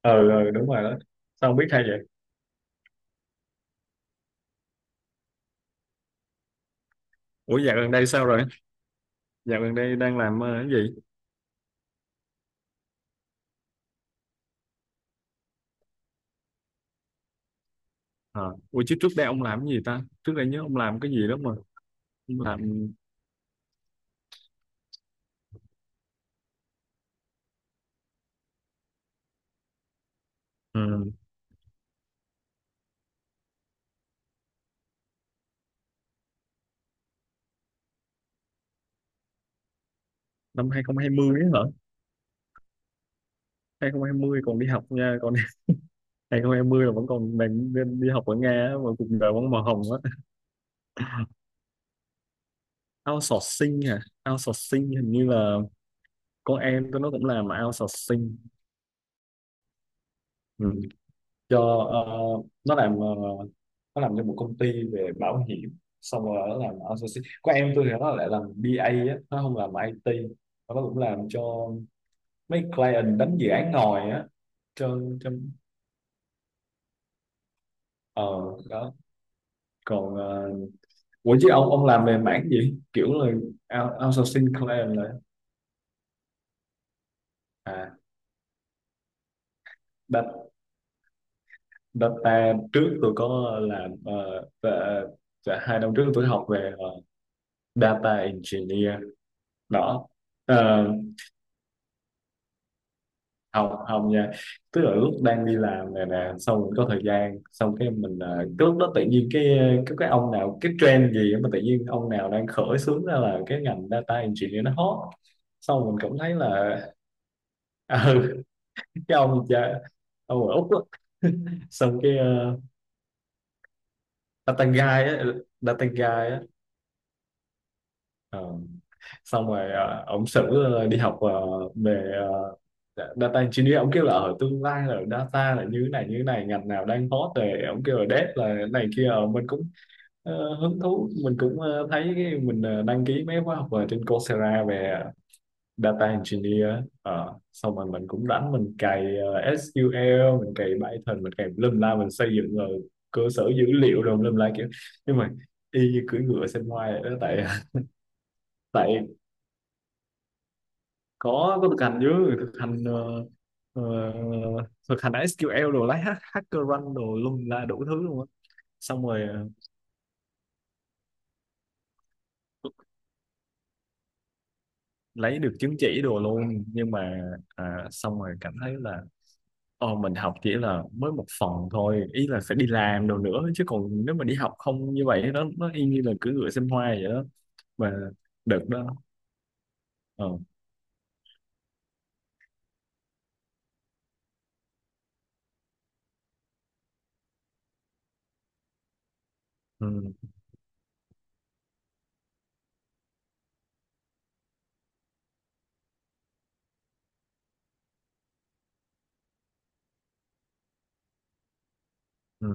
Ờ ừ đúng rồi đó. Sao không biết hay vậy? Ủa, dạo gần đây sao rồi? Dạo gần đây đang làm cái gì? Ờ, Ủa chứ trước đây ông làm cái gì ta, trước đây nhớ ông làm cái gì đó mà ông làm ừ, năm 2020 ấy hả? 2020 còn đi học nha, còn 2020 là vẫn còn đang đi đi học ở Nga á, mà cuộc đời vẫn màu hồng á. Outsourcing à? Outsourcing hình như là con em tôi nó cũng làm outsourcing. Ừ. cho ờ, nó làm ờ, Nó làm cho một công ty về bảo hiểm, xong rồi nó làm outsourcing. Có em tôi thì nó lại làm BA á, nó không làm IT. Nó cũng làm cho mấy client, đánh dự án ngồi á. Cho ờ Đó. còn ờ, Ủa chứ ông làm về mảng gì, kiểu là outsourcing client là. À, data, data trước tôi có làm và hai năm trước tôi học về data engineer đó. Ờ, Không không nha, tức là lúc đang đi làm này nè, xong mình có thời gian, xong cái mình cái lúc đó tự nhiên cái ông nào, cái trend gì mà tự nhiên ông nào đang khởi xướng ra là cái ngành data engineer nó hot. Xong mình cũng thấy là à, ừ, cái ông cha ông ở Úc đó. Xong cái data guy á, data guy á. ờ, Xong rồi uh, ông xử đi học về ờ, dạ, data engineer. Ông kêu là ở tương lai là data là như thế này như thế này, ngành nào đang hot, rồi ông kêu là dev là thế này kia. Ờ, mình cũng hứng thú, mình cũng thấy cái mình đăng ký mấy khóa học ở trên Coursera về data engineer. Xong rồi mình cũng đánh, mình cày SQL, mình cày Python, mình cày lâm la, mình xây dựng rồi cơ sở dữ liệu rồi, lâm la kiểu. Nhưng mà y như cưỡi ngựa xem ngoài vậy đó, tại tại có thực hành chứ. Thực hành ờ, thực hành SQL đồ, lấy hacker rank đồ luôn, là đủ thứ luôn á. Xong rồi lấy được chứng chỉ đồ luôn nhưng mà xong rồi cảm thấy là mình học chỉ là mới một phần thôi, ý là phải đi làm đồ nữa chứ, còn nếu mà đi học không như vậy nó y như là cưỡi ngựa xem hoa vậy đó mà. Được đó. ờ ừ, ừ.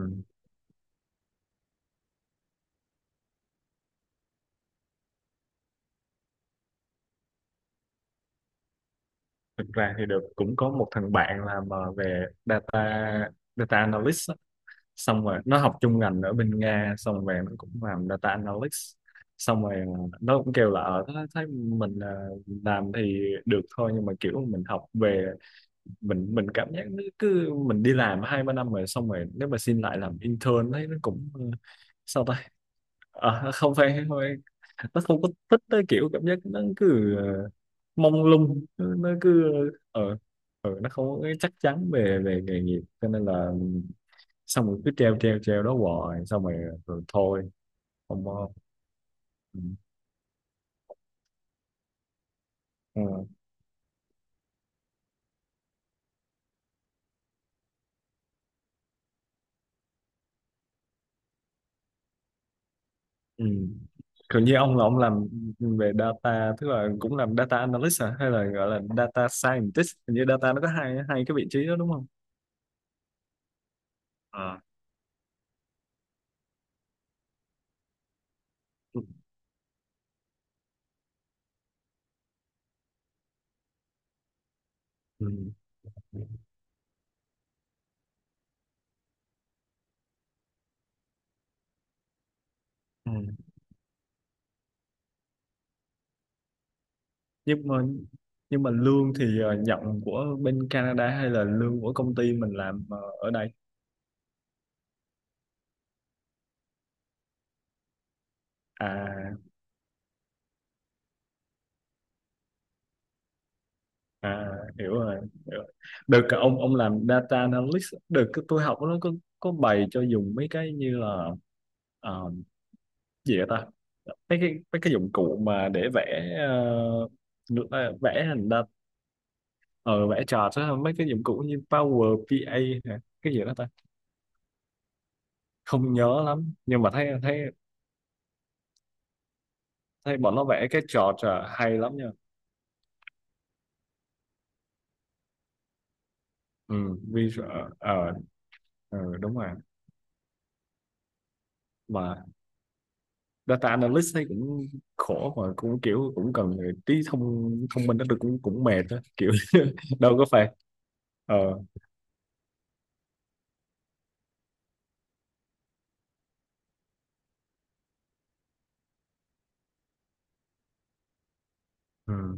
Thực ra thì được cũng có một thằng bạn làm về data, data analyst. Xong rồi nó học chung ngành ở bên Nga, xong rồi nó cũng làm data analytics. Xong rồi nó cũng kêu là thấy mình làm thì được thôi, nhưng mà kiểu mình học về, mình cảm giác nó cứ, mình đi làm hai ba năm rồi, xong rồi nếu mà xin lại làm intern thấy nó cũng sao ta. Nó không phải, không phải, nó không có thích tới, kiểu cảm giác nó cứ mông lung, nó cứ ờ nó không có cái chắc chắn về về nghề nghiệp. Cho nên là xong rồi cứ treo treo treo đó hoài, xong rồi rồi thôi, không có. Ừ. Ừ. Ừ. Còn như ông là ông làm về data, tức là cũng làm data analyst hả, hay là gọi là data scientist? Hình như data nó có hai hai cái vị trí đó đúng không? À. Ừ. Ừ. Ừ. Nhưng mà nhưng mà lương thì nhận của bên Canada hay là lương của công ty mình làm ở đây? À. À, hiểu rồi, hiểu rồi. Được cái ông làm data analyst, được cái tôi học nó có bày cho dùng mấy cái như là ờ, gì vậy ta, mấy cái dụng cụ mà để vẽ vẽ hình đa. Ờ Vẽ chart á, mấy cái dụng cụ như Power BI hả? Cái gì đó ta, không nhớ lắm nhưng mà thấy thấy thấy bọn nó vẽ cái chart hay lắm nha. Ừ, visual. ờ Đúng rồi. Mà data analyst thấy cũng khổ, mà cũng kiểu cũng cần tí thông thông minh đó, tôi cũng cũng mệt đó kiểu đâu có phải. ờ ừ,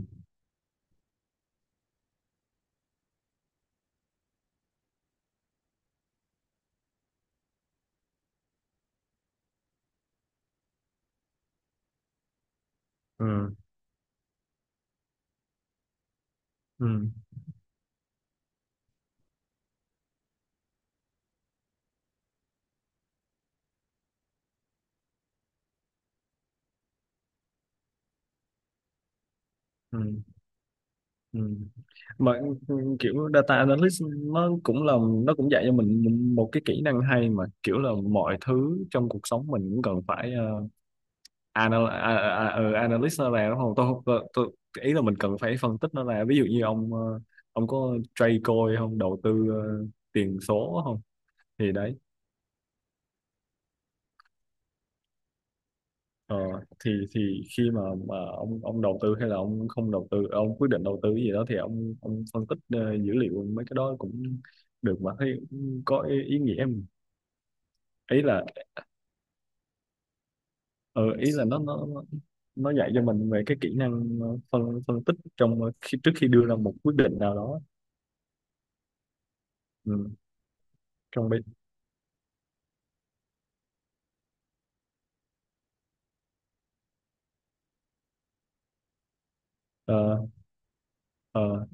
ừ, ừ, ừ, ừ. Mà ừ, kiểu data analyst nó cũng là nó cũng dạy cho mình một cái kỹ năng hay, mà kiểu là mọi thứ trong cuộc sống mình cũng cần phải uh, analyst nó ra đúng không, tôi ý là mình cần phải phân tích nó ra. Ví dụ như ông ông có trade coin không, đầu tư tiền số không? Thì đấy. Ờ, thì khi mà ông đầu tư hay là ông không đầu tư, ông quyết định đầu tư cái gì đó, thì ông phân tích dữ liệu mấy cái đó cũng được, mà thấy cũng có ý nghĩa em. Ý là ờ, ý là nó dạy cho mình về cái kỹ năng phân phân tích trước khi đưa ra một quyết định nào đó. Ừ, trong bên ờ, ờ,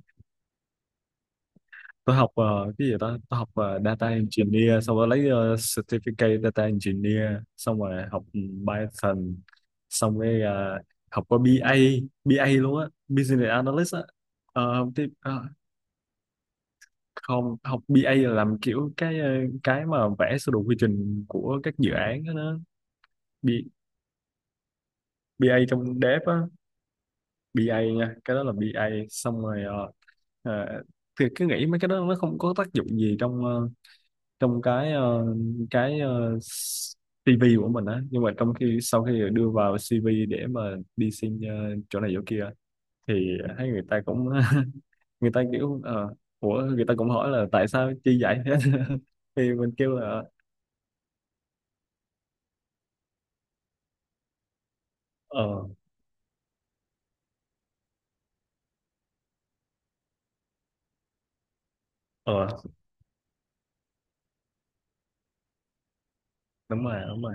tôi học cái gì đó, tôi học data engineer, xong rồi lấy certificate data engineer, xong rồi học Python, xong rồi học qua BA, BA luôn á, business analyst á. Ờ, thì, ờ, Không, học BA là làm kiểu cái cái mà vẽ sơ đồ quy trình của các dự án đó, đó. B, BA trong dev á, BA nha, cái đó là BA. Xong rồi ờ, thì cứ nghĩ mấy cái đó nó không có tác dụng gì trong cái cái ờ, CV của mình á, nhưng mà trong khi sau khi đưa vào CV để mà đi xin chỗ này chỗ kia, thì thấy người ta cũng người ta kiểu ủa người ta cũng hỏi là tại sao chi vậy hết thì mình kêu là ờ ờ đúng rồi, đúng rồi.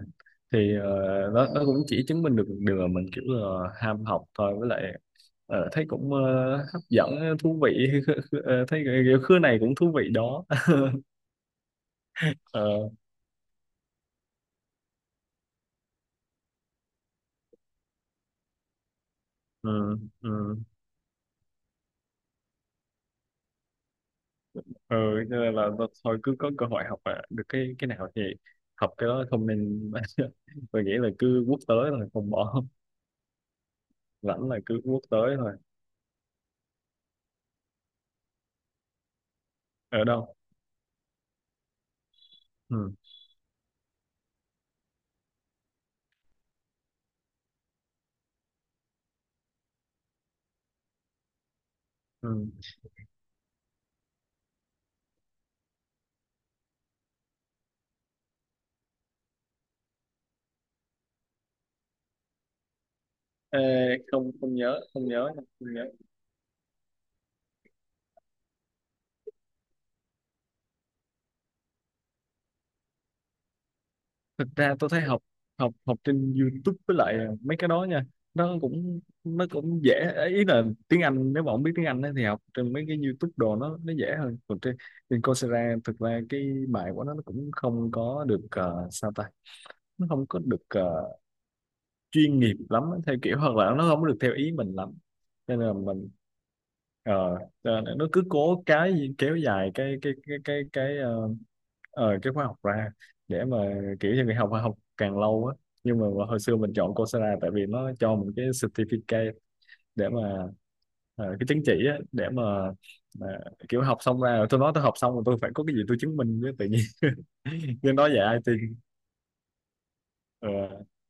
Thì nó cũng chỉ chứng minh được một điều là mình kiểu là ham học thôi, với lại thấy cũng hấp dẫn, thú vị Thấy kiểu khứa này cũng thú vị đó Ờ, ừ, ừ. Ừ, cho nên là thôi cứ có cơ hội học mà được cái nào thì học cái đó, không nên tôi nghĩ là cứ quốc tế thôi không bỏ. Rảnh là cứ quốc tế thôi. Ở đâu. Ừ. Ừ. Ê, không không nhớ, không nhớ, không nhớ. Thực ra tôi thấy học học học trên YouTube với lại mấy cái đó nha, nó cũng dễ. Ý là tiếng Anh, nếu mà không biết tiếng Anh á thì học trên mấy cái YouTube đồ nó dễ hơn, còn trên trên Coursera thực ra cái bài của nó cũng không có được sao ta, nó không có được chuyên nghiệp lắm á, theo kiểu hoặc là nó không có được theo ý mình lắm. Nên là mình ờ, Cho nên nó cứ cố cái gì kéo dài cái khóa học ra để mà kiểu như người học, học càng lâu á. Nhưng mà hồi xưa mình chọn Coursera tại vì nó cho mình cái certificate để mà cái chứng chỉ á, để mà mà kiểu học xong ra rồi, tôi nói tôi học xong rồi, tôi phải có cái gì tôi chứng minh với tự nhiên nên nói về ai IT.